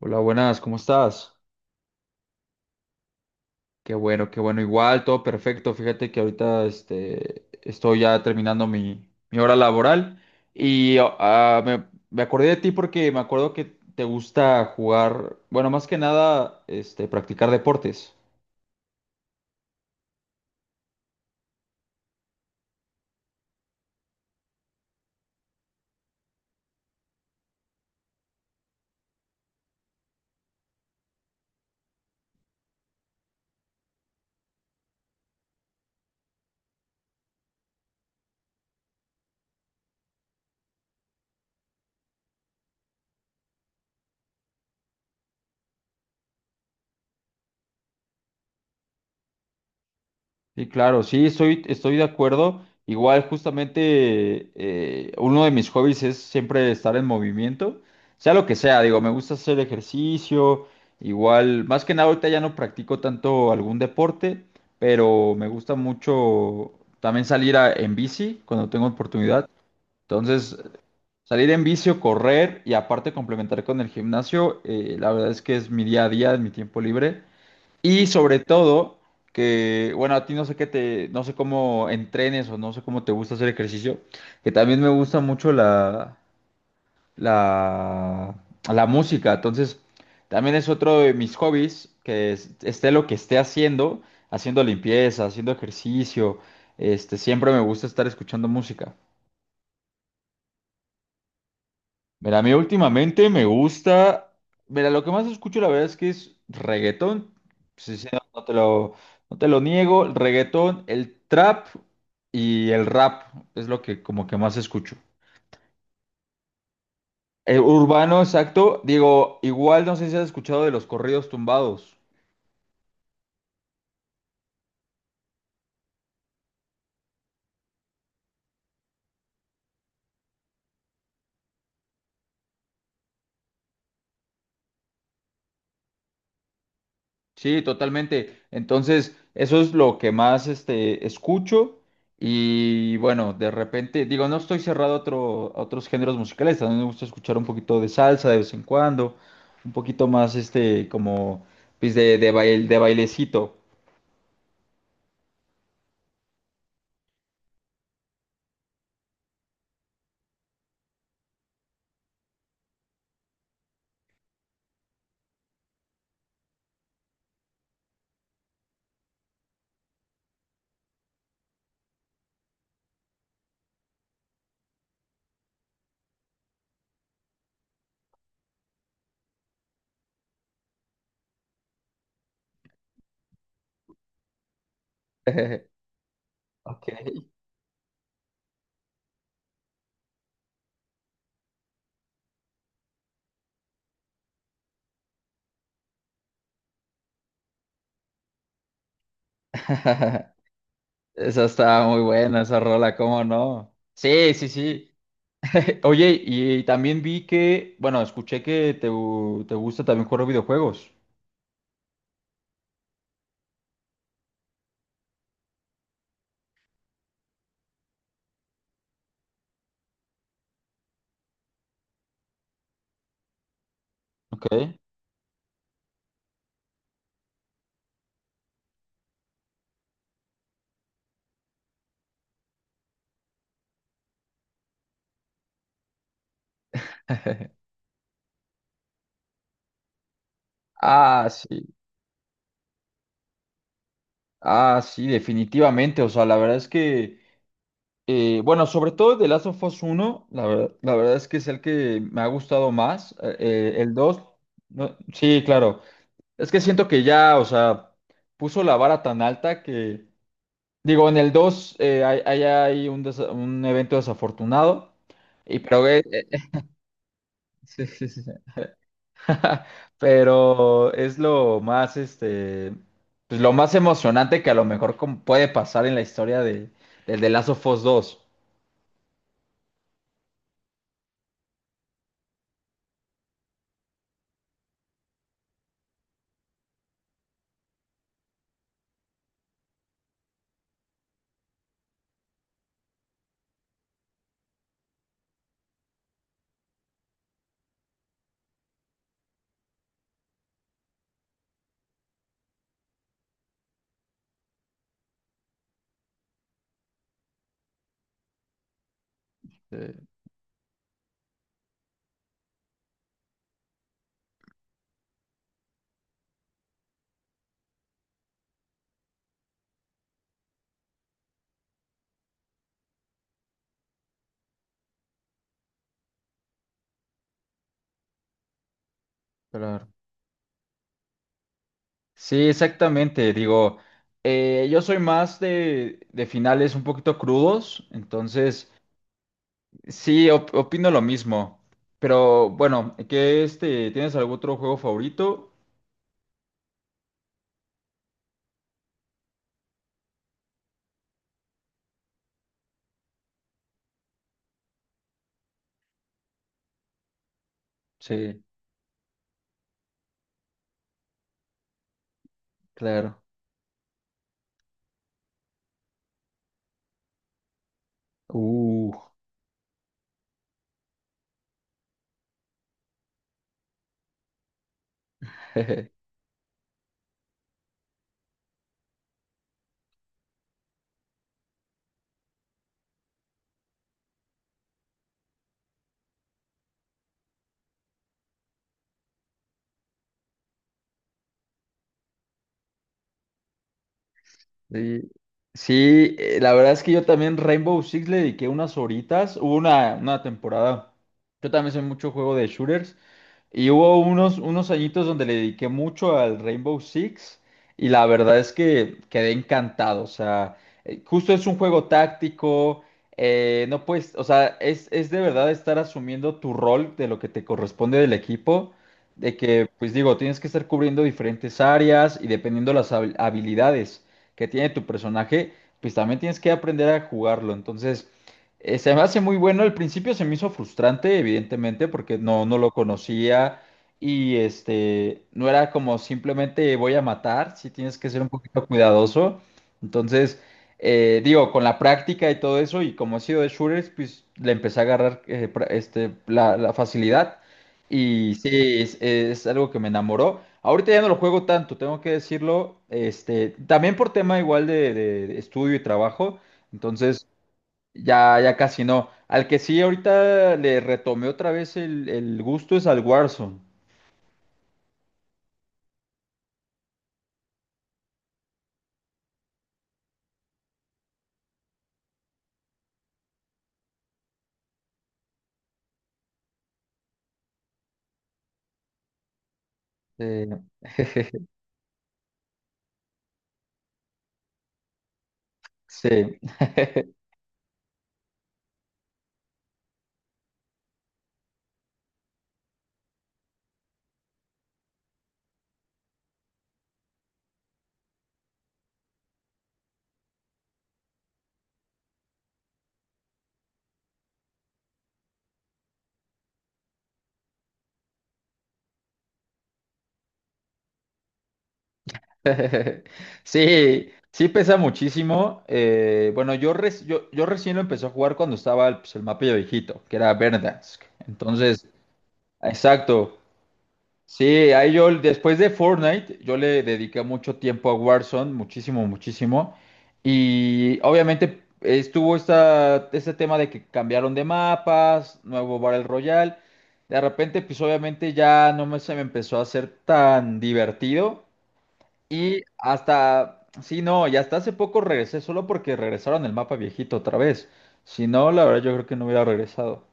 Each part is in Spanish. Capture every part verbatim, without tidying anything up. Hola, buenas, ¿cómo estás? Qué bueno, qué bueno. Igual, todo perfecto. Fíjate que ahorita este, estoy ya terminando mi, mi hora laboral y oh, ah, me, me acordé de ti porque me acuerdo que te gusta jugar, bueno, más que nada, este, practicar deportes. Sí, claro, sí, estoy, estoy de acuerdo. Igual, justamente, eh, uno de mis hobbies es siempre estar en movimiento, sea lo que sea, digo, me gusta hacer ejercicio, igual, más que nada ahorita ya no practico tanto algún deporte, pero me gusta mucho también salir a- en bici cuando tengo oportunidad. Entonces, salir en bici o correr y aparte complementar con el gimnasio, eh, la verdad es que es mi día a día, es mi tiempo libre. Y sobre todo, que, bueno, a ti no sé qué te, no sé cómo entrenes o no sé cómo te gusta hacer ejercicio, que también me gusta mucho la, la, la música. Entonces, también es otro de mis hobbies, que es- esté lo que esté haciendo, haciendo limpieza, haciendo ejercicio, este, siempre me gusta estar escuchando música. Mira, a mí últimamente me gusta. Mira, lo que más escucho, la verdad es que es reggaetón. Sí, sí, no, no te lo, no te lo niego. El reggaetón, el trap y el rap es lo que como que más escucho. El urbano, exacto. Digo, igual no sé si has escuchado de los corridos tumbados. Sí, totalmente. Entonces, eso es lo que más este, escucho. Y bueno, de repente, digo, no estoy cerrado a, otro, a otros géneros musicales. También me gusta escuchar un poquito de salsa de vez en cuando. Un poquito más, este, como, pues, de, de, bail- de bailecito. Ok. Esa está muy buena, esa rola, ¿cómo no? Sí, sí, sí. Oye, y también vi que, bueno, escuché que te, gu- te gusta también jugar videojuegos. Ok. Ah, sí, ah, sí, definitivamente. O sea, la verdad es que, eh, bueno, sobre todo de Last of Us uno, la verdad, la verdad es que es el que me ha gustado más. Eh, eh, el dos, no- sí, claro. Es que siento que ya, o sea, puso la vara tan alta que, digo, en el dos eh, hay, hay, hay un, desa- un evento desafortunado. Y pero, eh, eh, sí, sí, sí, sí. Pero es lo más, este, pues lo más emocionante que a lo mejor como puede pasar en la historia de, del de Last of Us dos. Eh, Claro. Sí, exactamente. Digo, eh, yo soy más de, de finales un poquito crudos, entonces sí, op- opino lo mismo. Pero bueno, ¿qué este, tienes algún otro juego favorito? Sí, claro. Uh. Sí, sí, eh, la verdad es que yo también Rainbow Six le dediqué unas horitas. Hubo una, una temporada. Yo también soy mucho juego de shooters. Y hubo unos, unos añitos donde le dediqué mucho al Rainbow Six. Y la verdad es que quedé encantado. O sea, eh, justo es un juego táctico. Eh, no puedes, o sea, es, es de verdad estar asumiendo tu rol de lo que te corresponde del equipo. De que, pues digo, tienes que estar cubriendo diferentes áreas y dependiendo las habil- habilidades que tiene tu personaje, pues también tienes que aprender a jugarlo. Entonces, eh, se me hace muy bueno. Al principio se me hizo frustrante, evidentemente, porque no, no lo conocía y este, no era como simplemente voy a matar, sí tienes que ser un poquito cuidadoso. Entonces, eh, digo, con la práctica y todo eso, y como he sido de shooters, pues le empecé a agarrar eh, pra- este, la, la facilidad. Y sí, es, es algo que me enamoró. Ahorita ya no lo juego tanto, tengo que decirlo. Este, también por tema igual de, de- estudio y trabajo. Entonces, ya, ya casi no. Al que sí ahorita le retomé otra vez el, el gusto es al Warzone. Eh, sí. Sí, sí pesa muchísimo. Eh, bueno, yo, reci- yo, yo recién lo empecé a jugar cuando estaba pues, el mapa viejito, que era Verdansk. Entonces, exacto. Sí, ahí yo después de Fortnite, yo le dediqué mucho tiempo a Warzone, muchísimo, muchísimo. Y obviamente estuvo esta, este tema de que cambiaron de mapas, nuevo Battle Royale. De repente, pues obviamente ya no me, se me empezó a hacer tan divertido. Y hasta, sí, no, y hasta hace poco regresé solo porque regresaron el mapa viejito otra vez. Si no, la verdad yo creo que no hubiera regresado.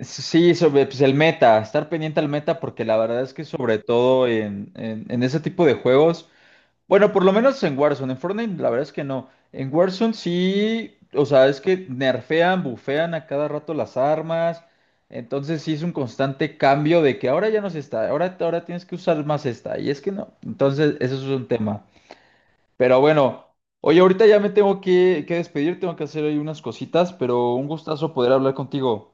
Sí, sobre pues, el meta, estar pendiente al meta, porque la verdad es que sobre todo en, en, en ese tipo de juegos, bueno, por lo menos en Warzone, en Fortnite la verdad es que no. En Warzone sí, o sea, es que nerfean, bufean a cada rato las armas, entonces sí es un constante cambio de que ahora ya no se está, ahora, ahora tienes que usar más esta, y es que no, entonces eso es un tema. Pero bueno, oye, ahorita ya me tengo que, que despedir, tengo que hacer ahí unas cositas, pero un gustazo poder hablar contigo.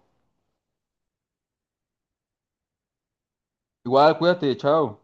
Igual, cuídate, chao.